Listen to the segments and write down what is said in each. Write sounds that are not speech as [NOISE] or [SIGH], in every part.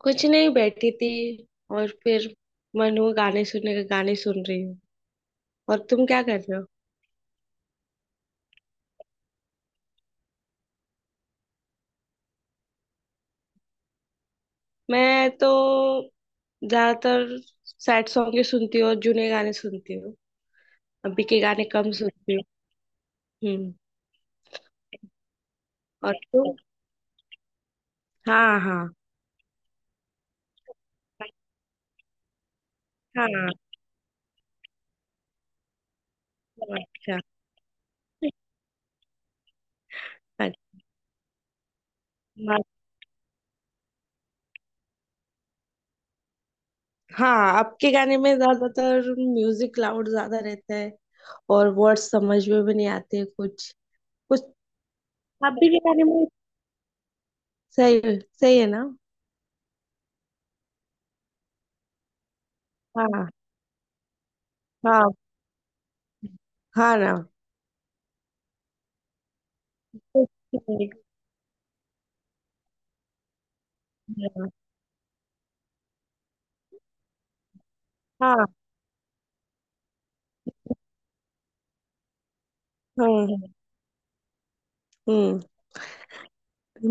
कुछ नहीं बैठी थी। और फिर मन हुआ गाने सुनने का, गाने सुन रही हूँ। और तुम क्या कर रहे हो। मैं तो ज्यादातर सैड सॉन्ग ही सुनती हूँ और जुने गाने सुनती हूँ। अभी के गाने कम सुनती हूँ। हम्म। और तुम। हाँ हाँ हाँ। अच्छा अच्छा। हाँ, अब के गाने में ज्यादातर म्यूजिक लाउड ज्यादा रहता है और वर्ड्स समझ में भी नहीं आते कुछ कुछ, अभी के गाने में। सही। सही है ना। हाँ हाँ। हाँ ना। ओके। हाँ। हम्म हम्म।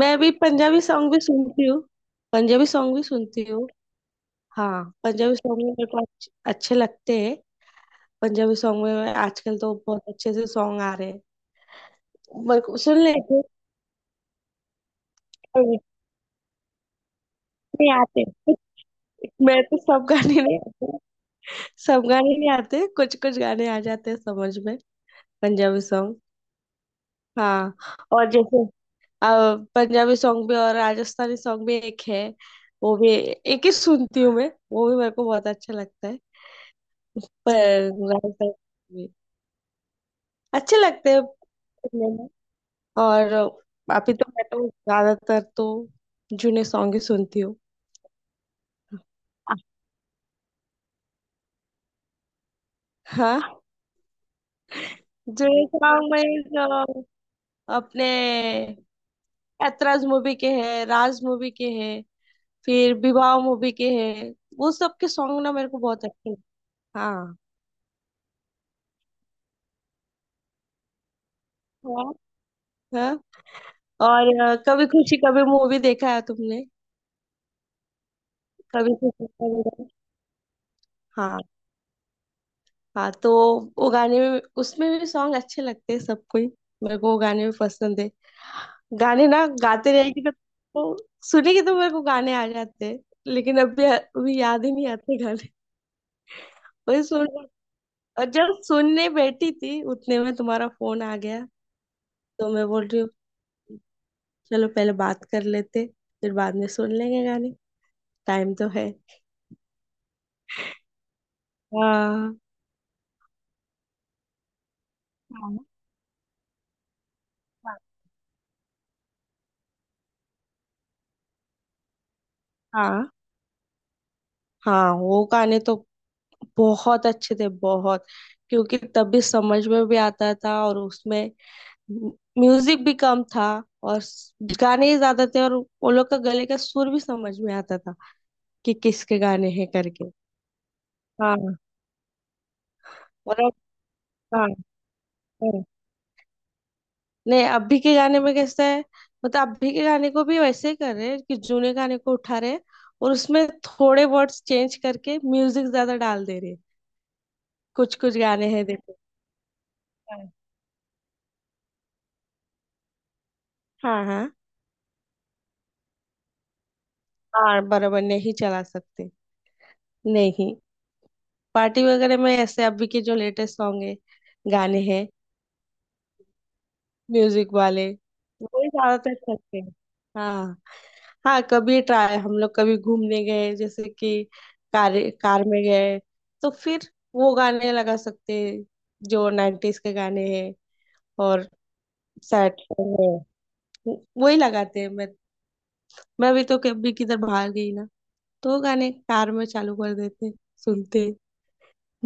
मैं भी पंजाबी सॉन्ग भी सुनती हूँ। पंजाबी सॉन्ग भी सुनती हूँ। हाँ, पंजाबी सॉन्ग भी मेरे को अच्छे अच्छे लगते हैं। पंजाबी सॉन्ग में आजकल तो बहुत अच्छे से सॉन्ग आ रहे हैं। मेरे को सुन लेते हैं, पर इतने आते हैं। मैं तो, सब गाने नहीं आते। सब गाने नहीं आते, कुछ कुछ गाने आ जाते हैं समझ में। पंजाबी सॉन्ग। हाँ। और जैसे अब पंजाबी सॉन्ग भी और राजस्थानी सॉन्ग भी एक है। वो भी एक ही सुनती हूँ मैं, वो भी मेरे को बहुत अच्छा लगता है। पर राजस्थानी भी अच्छे लगते हैं सुनने में। और अभी तो मैं तो ज्यादातर तो जुने सॉन्ग ही सुनती हूँ। हाँ। जुने सॉन्ग में जो अपने ऐतराज मूवी के हैं, राज मूवी के हैं, फिर विवाह मूवी के हैं, वो सब के सॉन्ग ना मेरे को बहुत अच्छे लगते हैं। हाँ हाँ। और कभी खुशी कभी मूवी देखा है तुमने। कभी खुशी कभी गम। हाँ हाँ। तो वो गाने में, उसमें भी सॉन्ग अच्छे लगते हैं सबको ही। मेरे को वो गाने भी पसंद है। गाने ना गाते रहेगी तो सुनेगी तो मेरे को गाने आ जाते हैं। लेकिन अभी अभी याद ही नहीं आते गाने। वही सुन रही- और जब सुनने बैठी थी उतने में तुम्हारा फोन आ गया, तो मैं बोल रही हूँ चलो पहले बात कर लेते, फिर बाद में सुन लेंगे गाने। टाइम तो है। हाँ हाँ हाँ हाँ। वो गाने तो बहुत अच्छे थे, बहुत। क्योंकि तभी समझ में भी आता था और उसमें म्यूजिक भी कम था और गाने ही ज्यादा थे। और वो लोग का गले का सुर भी समझ में आता था कि किसके गाने हैं करके। हाँ। और अब। हाँ हाँ। नहीं, अभी के गाने में कैसा है, मतलब अभी के गाने को भी वैसे ही कर रहे हैं कि जूने गाने को उठा रहे हैं और उसमें थोड़े वर्ड्स चेंज करके म्यूजिक ज्यादा डाल दे रहे हैं। कुछ कुछ गाने हैं देखो। हाँ हाँ हाँ। हाँ बराबर, नहीं चला सकते। नहीं, पार्टी वगैरह में ऐसे अभी के जो लेटेस्ट सॉन्ग है, गाने हैं, म्यूजिक वाले, वही ज्यादातर चलते हैं। हाँ हाँ। कभी ट्राई, हम लोग कभी घूमने गए जैसे कि कार कार में गए, तो फिर वो गाने लगा सकते हैं जो 90s के गाने हैं। और सैड सॉन्ग है, वही लगाते हैं। मैं अभी तो कभी किधर बाहर गई ना, तो वो गाने कार में चालू कर देते हैं, सुनते हैं।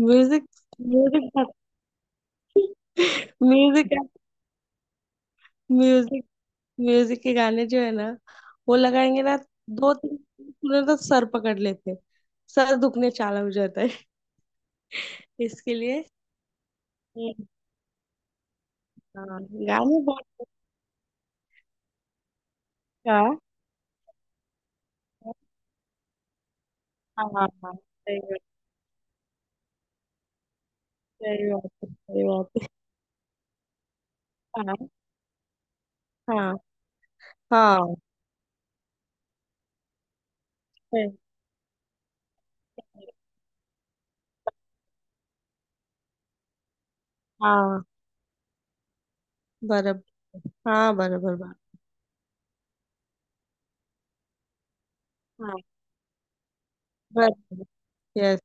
Music music music music music के गाने जो है ना, वो लगाएंगे ना। दो तीन सुने तो सर पकड़ लेते हैं। सर दुखने चाला हो जाता है इसके लिए। हम्म। हाँ, गाने बहुत अच्छा है। हाँ हाँ हाँ, सही बात, सही बात है, सही बात है। हाँ हाँ हाँ, सही सही। हाँ बराबर। हाँ बराबर बात। हाँ बराबर। यस।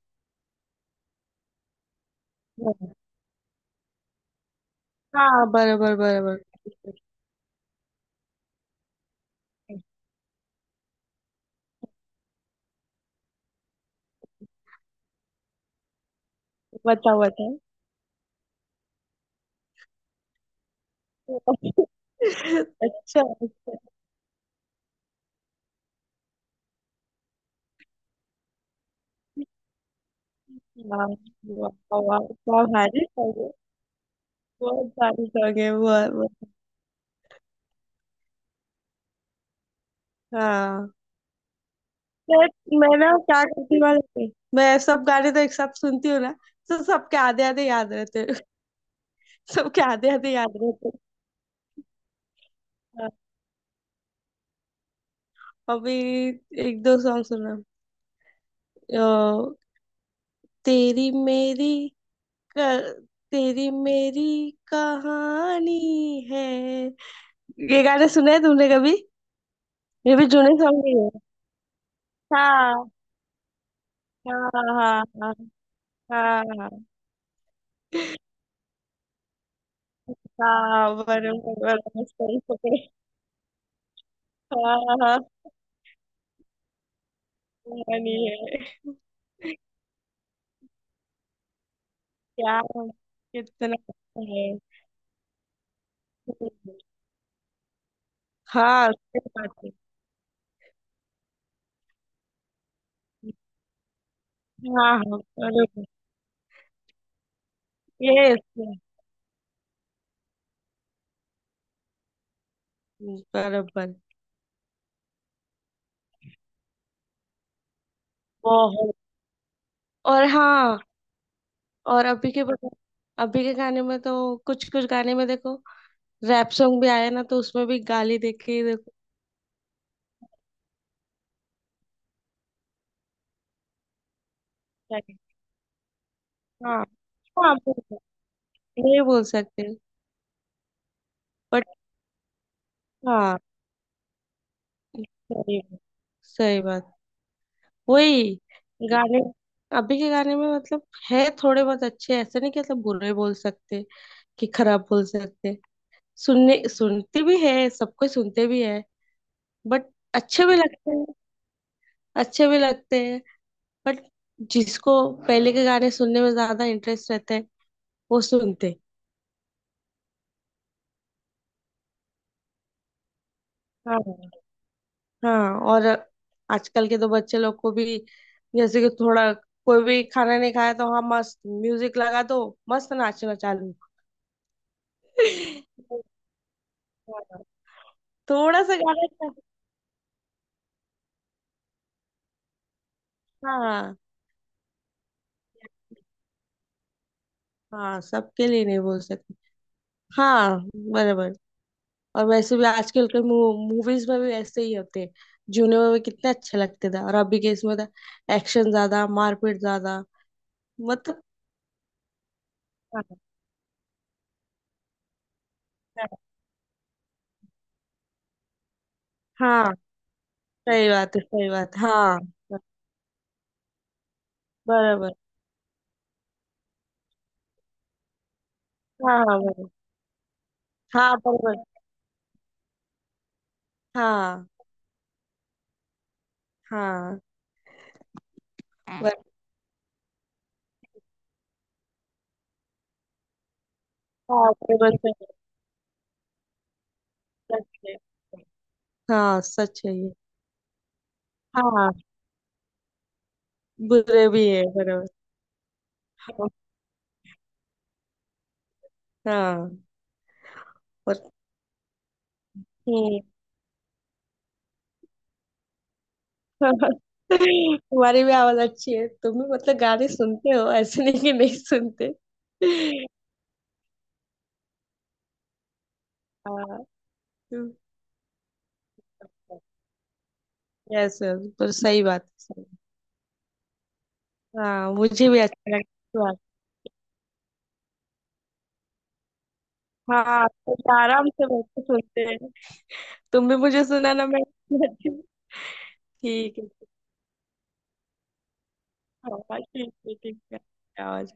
हाँ बराबर बराबर। बताओ बताओ। [LAUGHS] अच्छा अच्छा। वाह वाह। वाह, क्या भारी शौक है, बहुत भारी शौक है, बहुत बहुत। हाँ, तो मैं ना क्या करती वाले थी, मैं सब गाने तो एक साथ सुनती हूँ ना, तो सबके आधे आधे याद रहते हैं। [LAUGHS] सबके आधे आधे याद रहते हैं। हाँ। अभी एक दो सॉन्ग सुना। अ, तेरी मेरी क- तेरी मेरी कहानी है, ये गाने सुने हैं तुमने कभी। ये भी जूने सॉन्ग ही है। हाँ हाँ हाँ हाँ हाँ हाँ। हाँ, बराबर सही पकड़े। हाँ हाँ, funny है। क्या कितना है। हाँ, सही बात है। हाँ हाँ बराबर। यस। बराबर, बहुत। और हाँ, और अभी के बता। अभी के गाने में तो कुछ कुछ गाने में देखो, रैप सॉन्ग भी आया ना, तो उसमें भी गाली दे के ही देखो, क्या है। हाँ हाँ, ये बोल सकते हैं। बट हाँ, सही बात- सही बात। वही गाने, अभी के गाने में मतलब, है थोड़े बहुत अच्छे, ऐसे नहीं कि मतलब बुरे बोल सकते, कि खराब बोल सकते। सुनने सुनते भी है, सब कोई सुनते भी है। बट अच्छे भी लगते हैं, अच्छे भी लगते हैं। बट जिसको पहले के गाने सुनने में ज्यादा इंटरेस्ट रहता है, वो सुनते हैं। हाँ हाँ। और आजकल के तो बच्चे लोग को भी, जैसे कि थोड़ा, कोई भी खाना नहीं खाया तो हाँ, मस्त म्यूजिक लगा दो, मस्त नाचना चालू। [LAUGHS] हाँ। थोड़ा सा गाना अच्छा। हाँ हाँ, सबके लिए नहीं बोल सकते। हाँ बराबर। और वैसे भी आजकल के मूवीज में भी ऐसे ही होते हैं। जूने में भी कितने अच्छे लगते थे, और अभी के इसमें था एक्शन ज्यादा, मारपीट ज्यादा। मतलब, हाँ हाँ, सही बात है, सही बात। हाँ बराबर। हाँ हाँ बराबर। हाँ बराबर। हाँ हाँ बराबर। हाँ बराबर, सही बात, सच है। हाँ, सच है ये। हाँ, बुरे भी है बराबर। हाँ हाँ। और। हम्म। [LAUGHS] तुम्हारी भी आवाज अच्छी है, तुम भी मतलब गाने सुनते हो, ऐसे नहीं कि नहीं सुनते। हाँ। यस यस, पर सही बात है, सही। हाँ, मुझे भी अच्छा लगता है। हाँ, तो आराम से बैठ के सुनते हैं। तुम भी मुझे सुनाना, मैं [LAUGHS] भी सुनाती हूँ। ठीक है। हाँ, ठीक है, ठीक है। आवाज